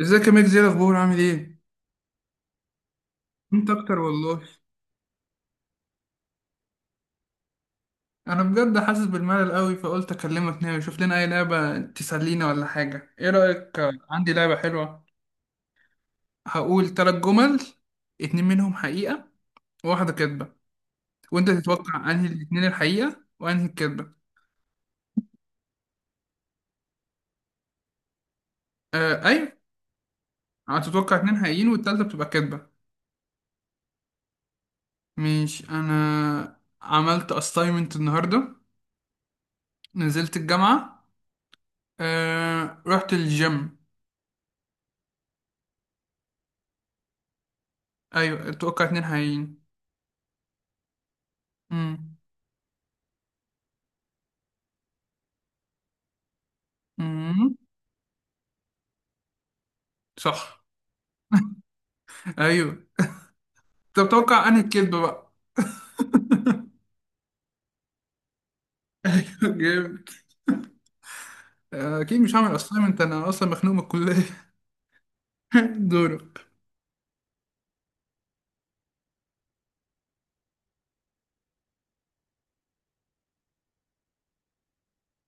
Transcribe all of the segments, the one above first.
ازيك يا ميكس؟ ايه الاخبار؟ عامل ايه؟ انت اكتر والله. انا بجد حاسس بالملل قوي، فقلت اكلمك نعمل شوف لنا اي لعبه تسلينا ولا حاجه. ايه رايك؟ عندي لعبه حلوه. هقول ثلاث جمل، اتنين منهم حقيقه وواحده كدبه، وانت تتوقع انهي الاتنين الحقيقه وانهي الكدبه. آه، ايوه. هتتوقع اتنين حقيقيين والتالتة بتبقى كدبه. مش انا عملت assignment النهارده، نزلت الجامعه، رحت الجيم. ايوه، اتوقع اتنين حقيقيين. مم. امم. صح. ايوه. طب، توقع انهي الكذبه بقى. ايوه، جامد. اكيد مش هعمل اسايمنت، انا اصلا مخنوق من الكليه. دورك.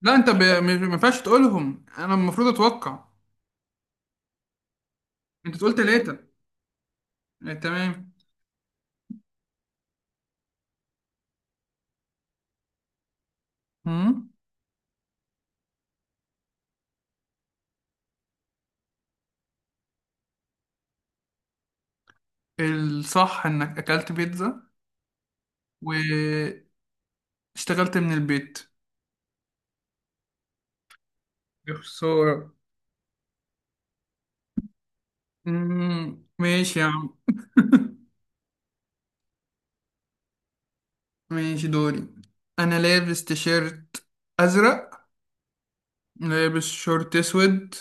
لا، انت ما ينفعش تقولهم، انا المفروض اتوقع. انت قلت ثلاثه. تمام. امم. الصح انك اكلت بيتزا، واشتغلت من البيت. يا خسارة. ماشي يا عم. ماشي، دوري. انا لابس تيشيرت ازرق، لابس شورت اسود،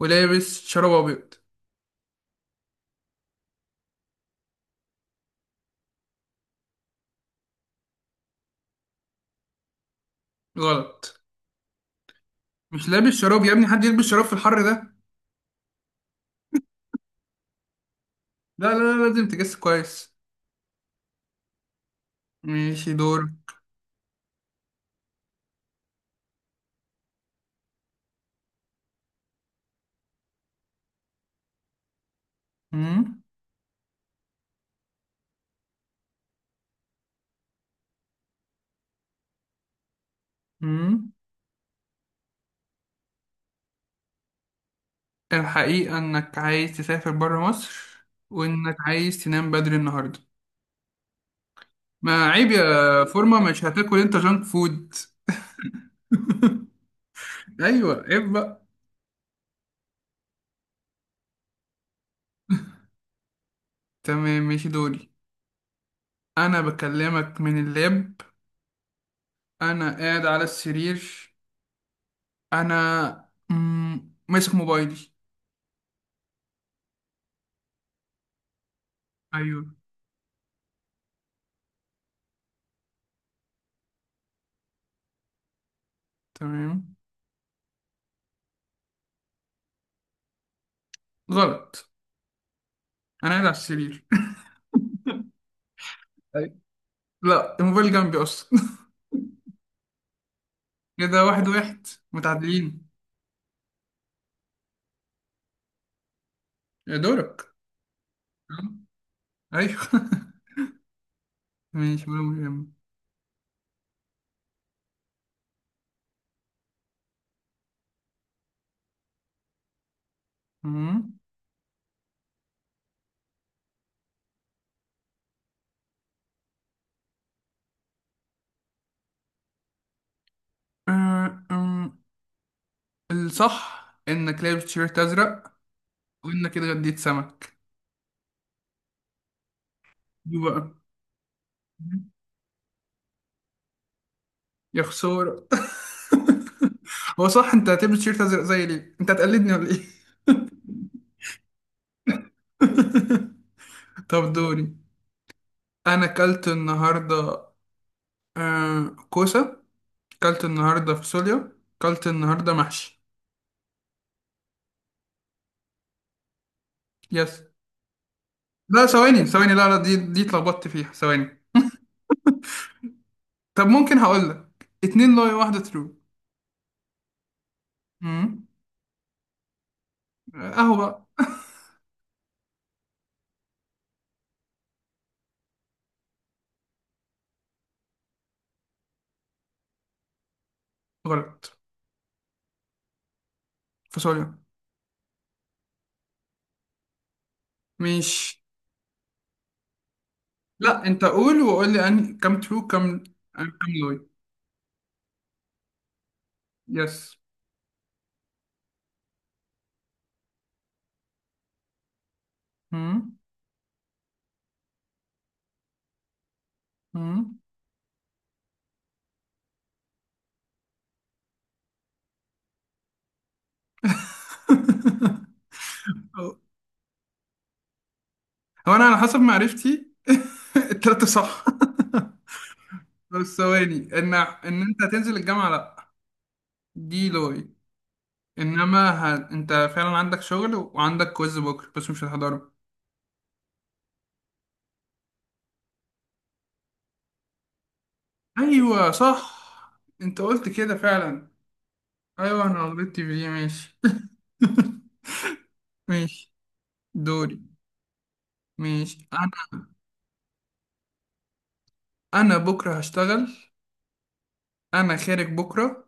ولابس شراب ابيض. غلط. مش لابس شراب يا ابني، حد يلبس شراب في الحر ده؟ لا لا لا، لازم تجس كويس. ماشي، دور. مم. مم. الحقيقة انك عايز تسافر برا مصر، وانك عايز تنام بدري النهاردة. ما عيب يا فورما، مش هتاكل انت جانك فود؟ ايوه، عيب بقى. تمام، ماشي، دوري. انا بكلمك من اللاب، انا قاعد على السرير، انا ماسك موبايلي. ايوه. تمام. غلط. انا قاعد على السرير. أيوة. لا، الموبايل جنبي اصلا. كده 1-1، متعادلين. يا دورك. ايوه. ماشي، ولا مهم. أمم. أه، أم. الصح انك لابس تيشيرت ازرق، وانك كده غديت سمك. دي بقى. يا خسارة. هو صح انت هتلبس تيشيرت ازرق زي ليه؟ انت هتقلدني ولا ايه؟ طب، دوري. انا اكلت النهارده كوسه، اكلت النهارده فاصوليا، اكلت النهارده محشي. يس. لا، ثواني ثواني، لا لا، دي اتلخبطت فيها، ثواني. طب ممكن هقول لك اتنين لاي واحدة ترو. امم. اهو بقى. غلط. فاصوليا. مش. لا، انت قول وقول لي أنهي كام ترو كام. كام لاي؟ يس. امم. امم. هو هو انا على حسب معرفتي. التلاتة صح. بس ثواني، ان انت هتنزل الجامعة، لا. دي لاي. انما انت فعلا عندك شغل وعندك كويز بكره، بس مش هتحضره. ايوه، صح، انت قلت كده فعلا. ايوه، انا غلطت فيه، ماشي. ماشي، دوري. ماشي، انا بكره هشتغل، انا خارج بكره.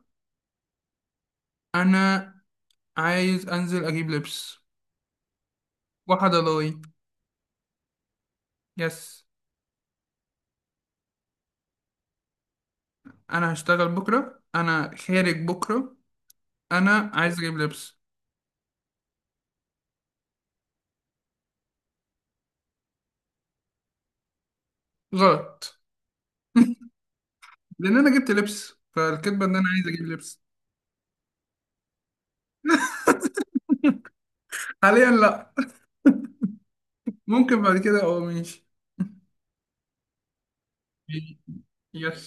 انا عايز انزل اجيب لبس. واحدة لاي. يس. انا هشتغل بكره، انا خارج بكره، انا عايز اجيب لبس. غلط. لان انا جبت لبس، فالكذبة ان انا عايز اجيب لبس. حاليا لا. ممكن بعد كده، ماشي. يس.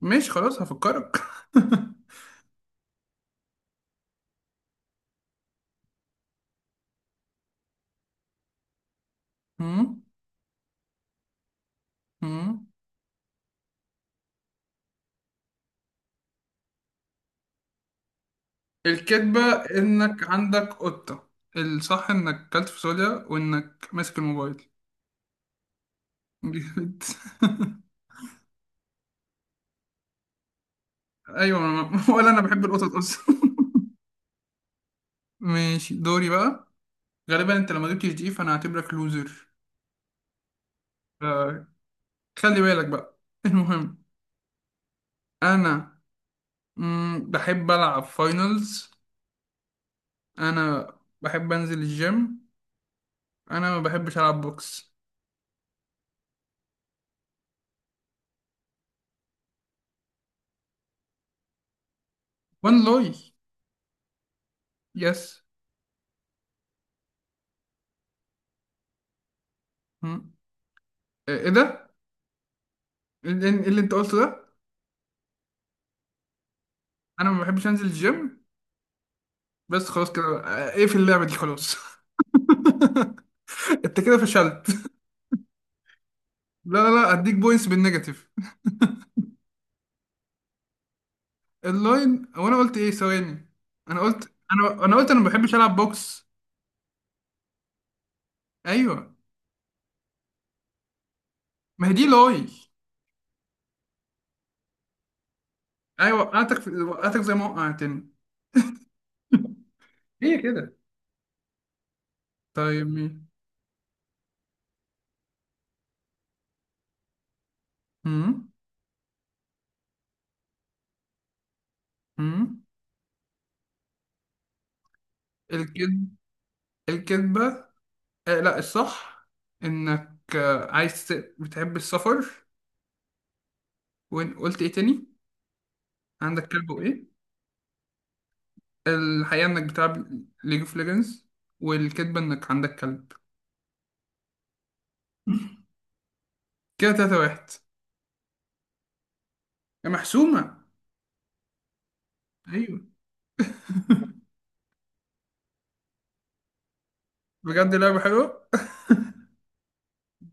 ماشي، خلاص، هفكرك. مم. مم. الكذبة انك عندك قطة. الصح انك كلت فاصوليا، وانك ماسك الموبايل. جامد. ايوه، ولا انا بحب القطط اصلا. ماشي، دوري بقى. غالبا انت لما جبتش دي، فانا هعتبرك لوزر. خلي بالك بقى. المهم، انا بحب العب فاينلز. انا بحب انزل الجيم. انا ما بحبش العب بوكس. وان لوي. يس. مم. ايه ده؟ اللي انت قلته ده. انا ما بحبش انزل الجيم. بس خلاص كده، ايه في اللعبه دي؟ خلاص. انت كده فشلت. لا لا لا، اديك بوينتس بالنيجاتيف. اللاين هو انا قلت ايه؟ ثواني. انا قلت انا قلت انا ما بحبش العب بوكس. ايوه، ما هي دي لاي. ايوه، وقعتك زي ما وقعتني. هي كده. طيب، مين؟ امم. امم. الكذب. الكذبه. آه، لا، الصح انك بتحب السفر. وين قلت ايه تاني؟ عندك كلب وايه؟ الحقيقة إنك بتلعب ليج اوف ليجندز، والكذبة إنك عندك كلب. كده 3-1. يا محسومة. أيوه. بجد لعبة حلوة.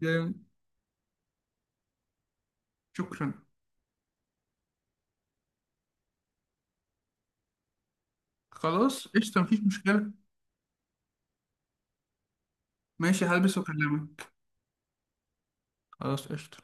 جامد. شكرا. خلاص، قشطة، مفيش مشكلة. ماشي، هلبس وأكلمك. خلاص، قشطة.